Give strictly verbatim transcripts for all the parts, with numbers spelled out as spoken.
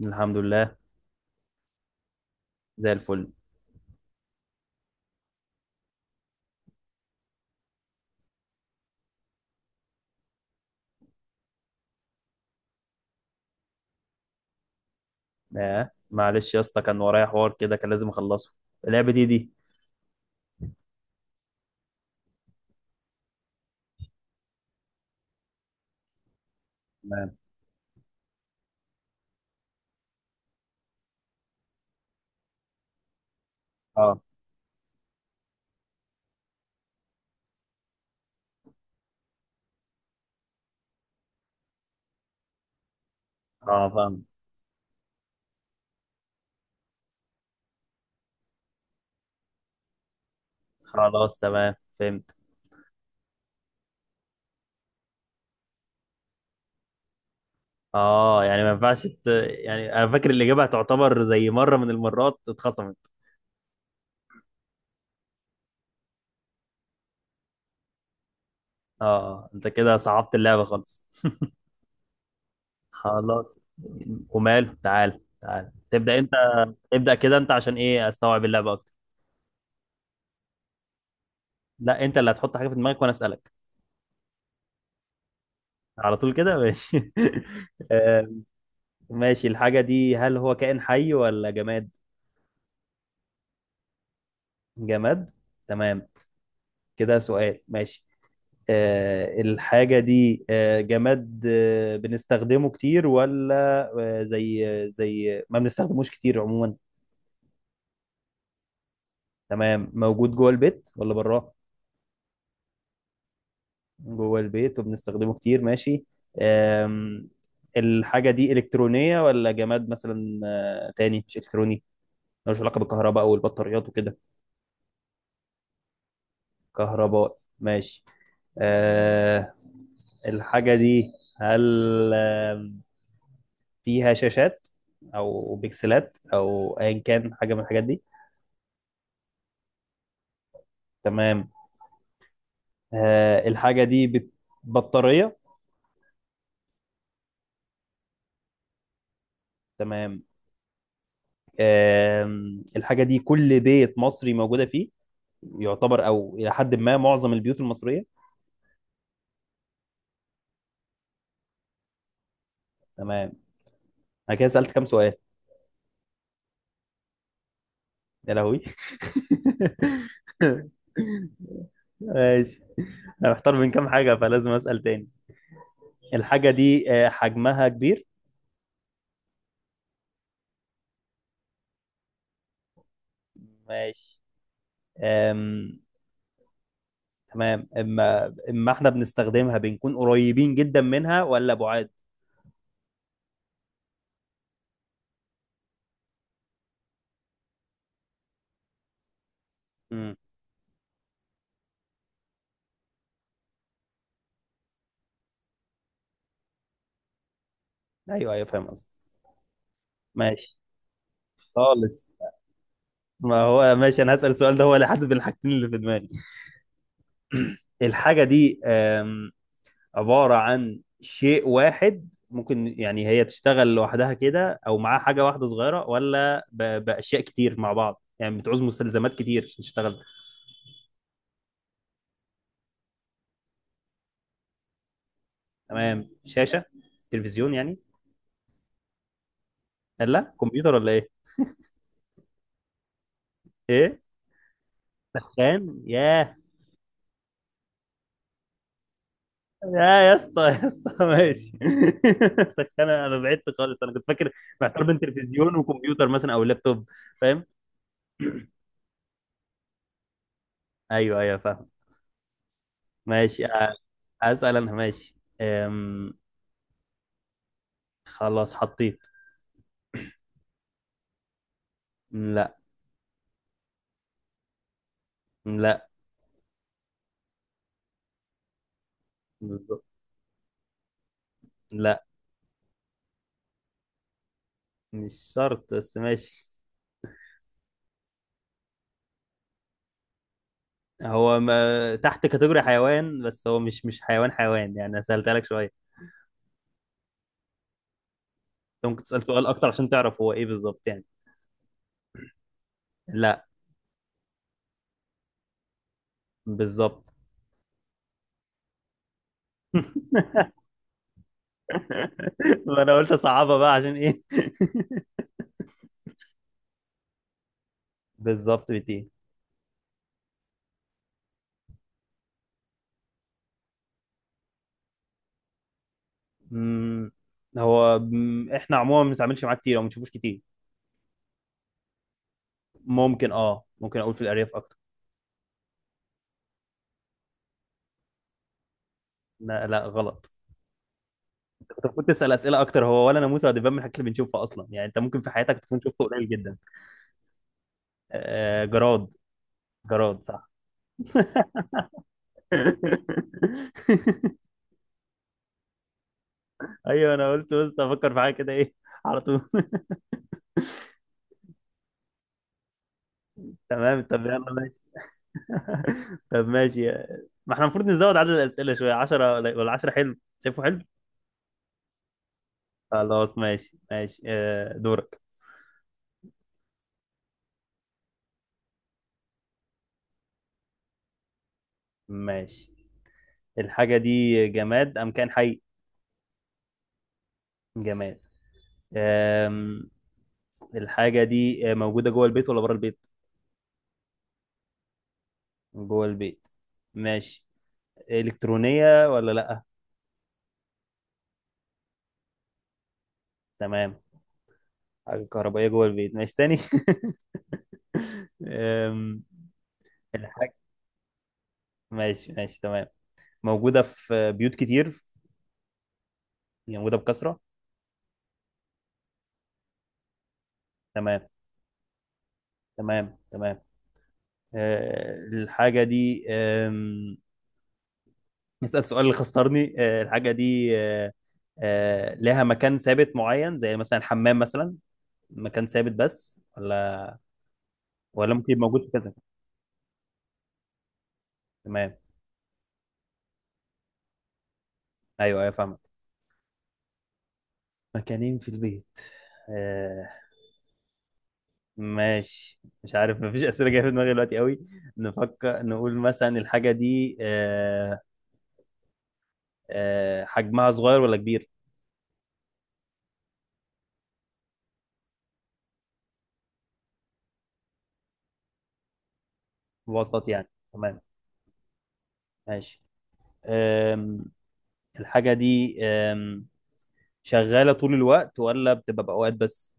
الحمد لله. زي الفل. آه. معلش يا اسطى، كان ورايا حوار كده كان لازم اخلصه. اللعبة دي دي. تمام. اه اه، فاهم. خلاص تمام، فهمت. اه، يعني ما ينفعش ت... يعني انا فاكر الاجابة هتعتبر زي مرة من المرات اتخصمت. اه، آه، انت كده صعبت اللعبة خالص. خلاص. ومال، تعال تعال تبدأ انت. ابدأ كده انت عشان ايه، استوعب اللعبة اكتر. لا، انت اللي هتحط حاجة في دماغك وانا اسألك على طول كده، ماشي. ماشي. الحاجة دي هل هو كائن حي ولا جماد؟ جماد. تمام. كده سؤال، ماشي. آه الحاجة دي آه جماد، آه بنستخدمه كتير ولا آه زي، آه، زي ما بنستخدموش كتير عموما؟ تمام. موجود جوه البيت ولا براه؟ جوه البيت وبنستخدمه كتير، ماشي. آم. الحاجة دي إلكترونية ولا جماد مثلا؟ آه تاني، مش إلكتروني؟ ملوش علاقة بالكهرباء أو البطاريات وكده؟ كهرباء، ماشي. آه، الحاجة دي هل آه، فيها شاشات أو بكسلات أو أيا كان حاجة من الحاجات دي؟ تمام. آه، الحاجة دي بت- بطارية؟ تمام. آم، الحاجة دي كل بيت مصري موجودة فيه؟ يعتبر أو إلى حد ما معظم البيوت المصرية؟ تمام. أنا كده سألت كام سؤال؟ يا لهوي. ماشي. أنا محتار بين كام حاجة فلازم أسأل تاني. الحاجة دي آه، حجمها كبير؟ ماشي. أم... تمام. اما اما احنا بنستخدمها بنكون قريبين جدا منها ولا بعاد؟ امم. ايوه ايوه، فاهم قصدي. ماشي خالص. ما هو ماشي، انا هسأل السؤال ده هو اللي حدد بين الحاجتين اللي في دماغي. الحاجة دي أم... عبارة عن شيء واحد، ممكن يعني هي تشتغل لوحدها كده او معاها حاجة واحدة صغيرة، ولا ب... بأشياء كتير مع بعض، يعني بتعوز مستلزمات كتير عشان تشتغل؟ تمام. شاشة، تلفزيون يعني؟ لا، كمبيوتر ولا ايه؟ ايه؟ سخان؟ ياه. يا يا اسطى يا اسطى، ماشي. سخان، انا بعدت خالص، انا كنت فاكر محتار بين تلفزيون وكمبيوتر مثلا او لابتوب. فاهم. ايوه ايوه فاهم. ماشي. أ- اسال انا، ماشي. أم... خلاص حطيت. لا. لا. بالظبط. لا مش شرط بس، ماشي. هو ما... تحت كاتيجوري حيوان، بس هو مش مش حيوان حيوان يعني، أنا سألتها لك شويه. انت ممكن تسال سؤال اكتر عشان تعرف هو ايه بالظبط يعني. لا. بالظبط. ما انا قلت صعبة بقى عشان ايه. بالظبط، بتي. مم، هو مم، احنا عموما ما بنتعاملش معاه كتير او ما بنشوفوش كتير. ممكن اه ممكن اقول في الارياف اكتر. لا لا، غلط. انت المفروض تسال اسئله اكتر، هو ولا ناموسه ولا دبان من الحاجات اللي بنشوفها اصلا، يعني انت ممكن في حياتك تكون شفته قليل جدا. آه جراد. جراد صح. ايوه، انا قلت بس افكر في حاجه كده ايه على طول. تمام. طب يلا، ماشي. طب ماشي. ما احنا المفروض نزود عدد الأسئلة شوية، عشرة ولا عشرة حلو؟ شايفه حلو. خلاص، ماشي ماشي. آه، دورك. ماشي. الحاجة دي جماد أم كان حي؟ جماد. آم، الحاجة دي آه، موجودة جوه البيت ولا بره البيت؟ جوه البيت، ماشي. إلكترونية ولا لأ؟ تمام. حاجة كهربائية جوه البيت، ماشي تاني. آم، الحاجة ماشي ماشي تمام. موجودة في بيوت كتير، يعني موجودة بكثرة؟ تمام تمام تمام. آه، الحاجة دي آم، نسأل السؤال اللي خسرني. آه، الحاجة دي آه، آه، لها مكان ثابت معين زي مثلا الحمام مثلا، مكان ثابت بس، ولا ولا ممكن يبقى موجود في كذا؟ تمام. ايوه ايوه، فاهمك. مكانين في البيت، آه، ماشي. مش عارف، مفيش أسئلة جاية في دماغي دلوقتي قوي. نفكر، نقول مثلا الحاجة دي آه، آه، حجمها صغير ولا كبير؟ وسط يعني، تمام. ماشي. الحاجة دي آم، شغالة طول الوقت ولا بتبقى بأوقات بس؟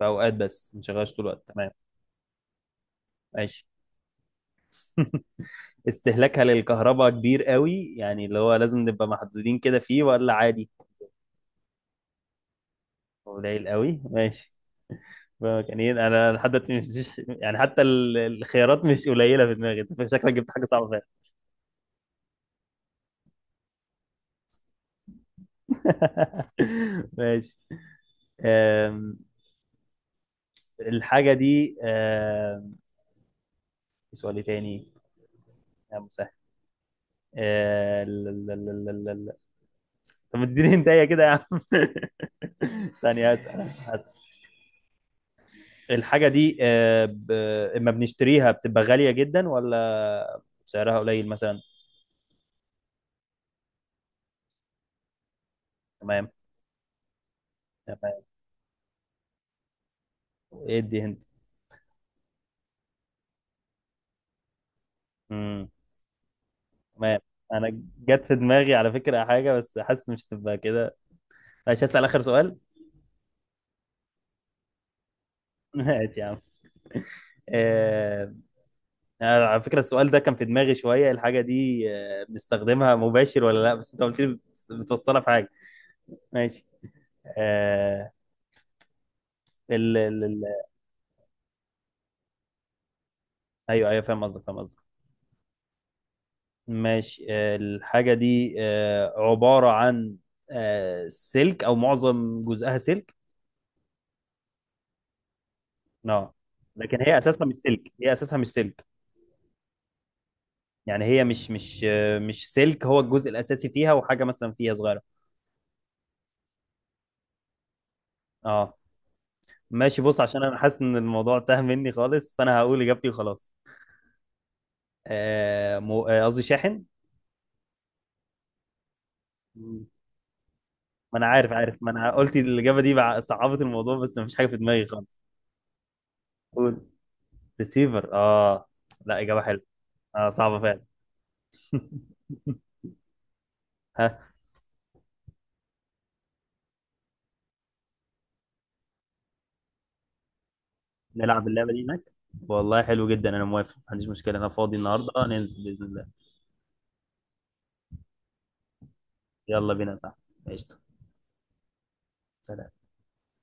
بأوقات بس ما شغالش طول الوقت، تمام. ماشي. استهلاكها للكهرباء كبير قوي، يعني اللي هو لازم نبقى محدودين كده فيه ولا عادي؟ قليل قوي، ماشي. يعني إيه؟ انا لحد دلوقتي مش مش- يعني حتى ال- الخيارات مش قليله في دماغي، أنت شكلك جبت حاجه صعبه فعلا. ماشي. أم، الحاجه دي أم، سؤال إيه تاني؟ يا مسهل. طب اديني هدايا كده يا عم. ثانية، اسأل اسأل. الحاجة دي آه، ب... اما بنشتريها بتبقى غالية جدا ولا سعرها قليل مثلا؟ تمام. تمام. ادي هند. امم. تمام. انا جت في دماغي على فكرة حاجة، بس حاسس مش تبقى كده. ماشي، هسأل آخر سؤال. ماشي يا عم. آه... أنا على فكرة السؤال ده كان في دماغي شوية. الحاجة دي آه، بنستخدمها مباشر ولا لا، بس انت قلت لي بتس- بتوصلها في حاجة؟ ماشي. آه... ال- ال- ايوه ايوه، فاهم قصدك فاهم قصدك. ماشي. آه، الحاجه دي آه، عباره عن آه، سلك او معظم جزئها سلك؟ اه. لكن هي اساسها مش سلك، هي اساسها مش سلك. يعني هي مش مش آه، مش سلك هو الجزء الاساسي فيها، وحاجه مثلا فيها صغيره. اه، ماشي. بص عشان انا حاسس ان الموضوع تاه مني خالص، فانا هقول اجابتي وخلاص. آه، مو- آه، قصدي شاحن. مم. ما انا عارف عارف، ما انا قلت الاجابه دي بع- صعبت الموضوع، بس مفيش حاجه في دماغي خالص. قول. ريسيفر، اه. لا، اجابه حلوه. اه صعبة فعلا. ها. نلعب اللعبة دي هناك، والله حلو جدا. انا موافق، ما عنديش مشكلة، انا فاضي النهاردة، ننزل بإذن الله. يلا بينا، صح. قشطة. سلام.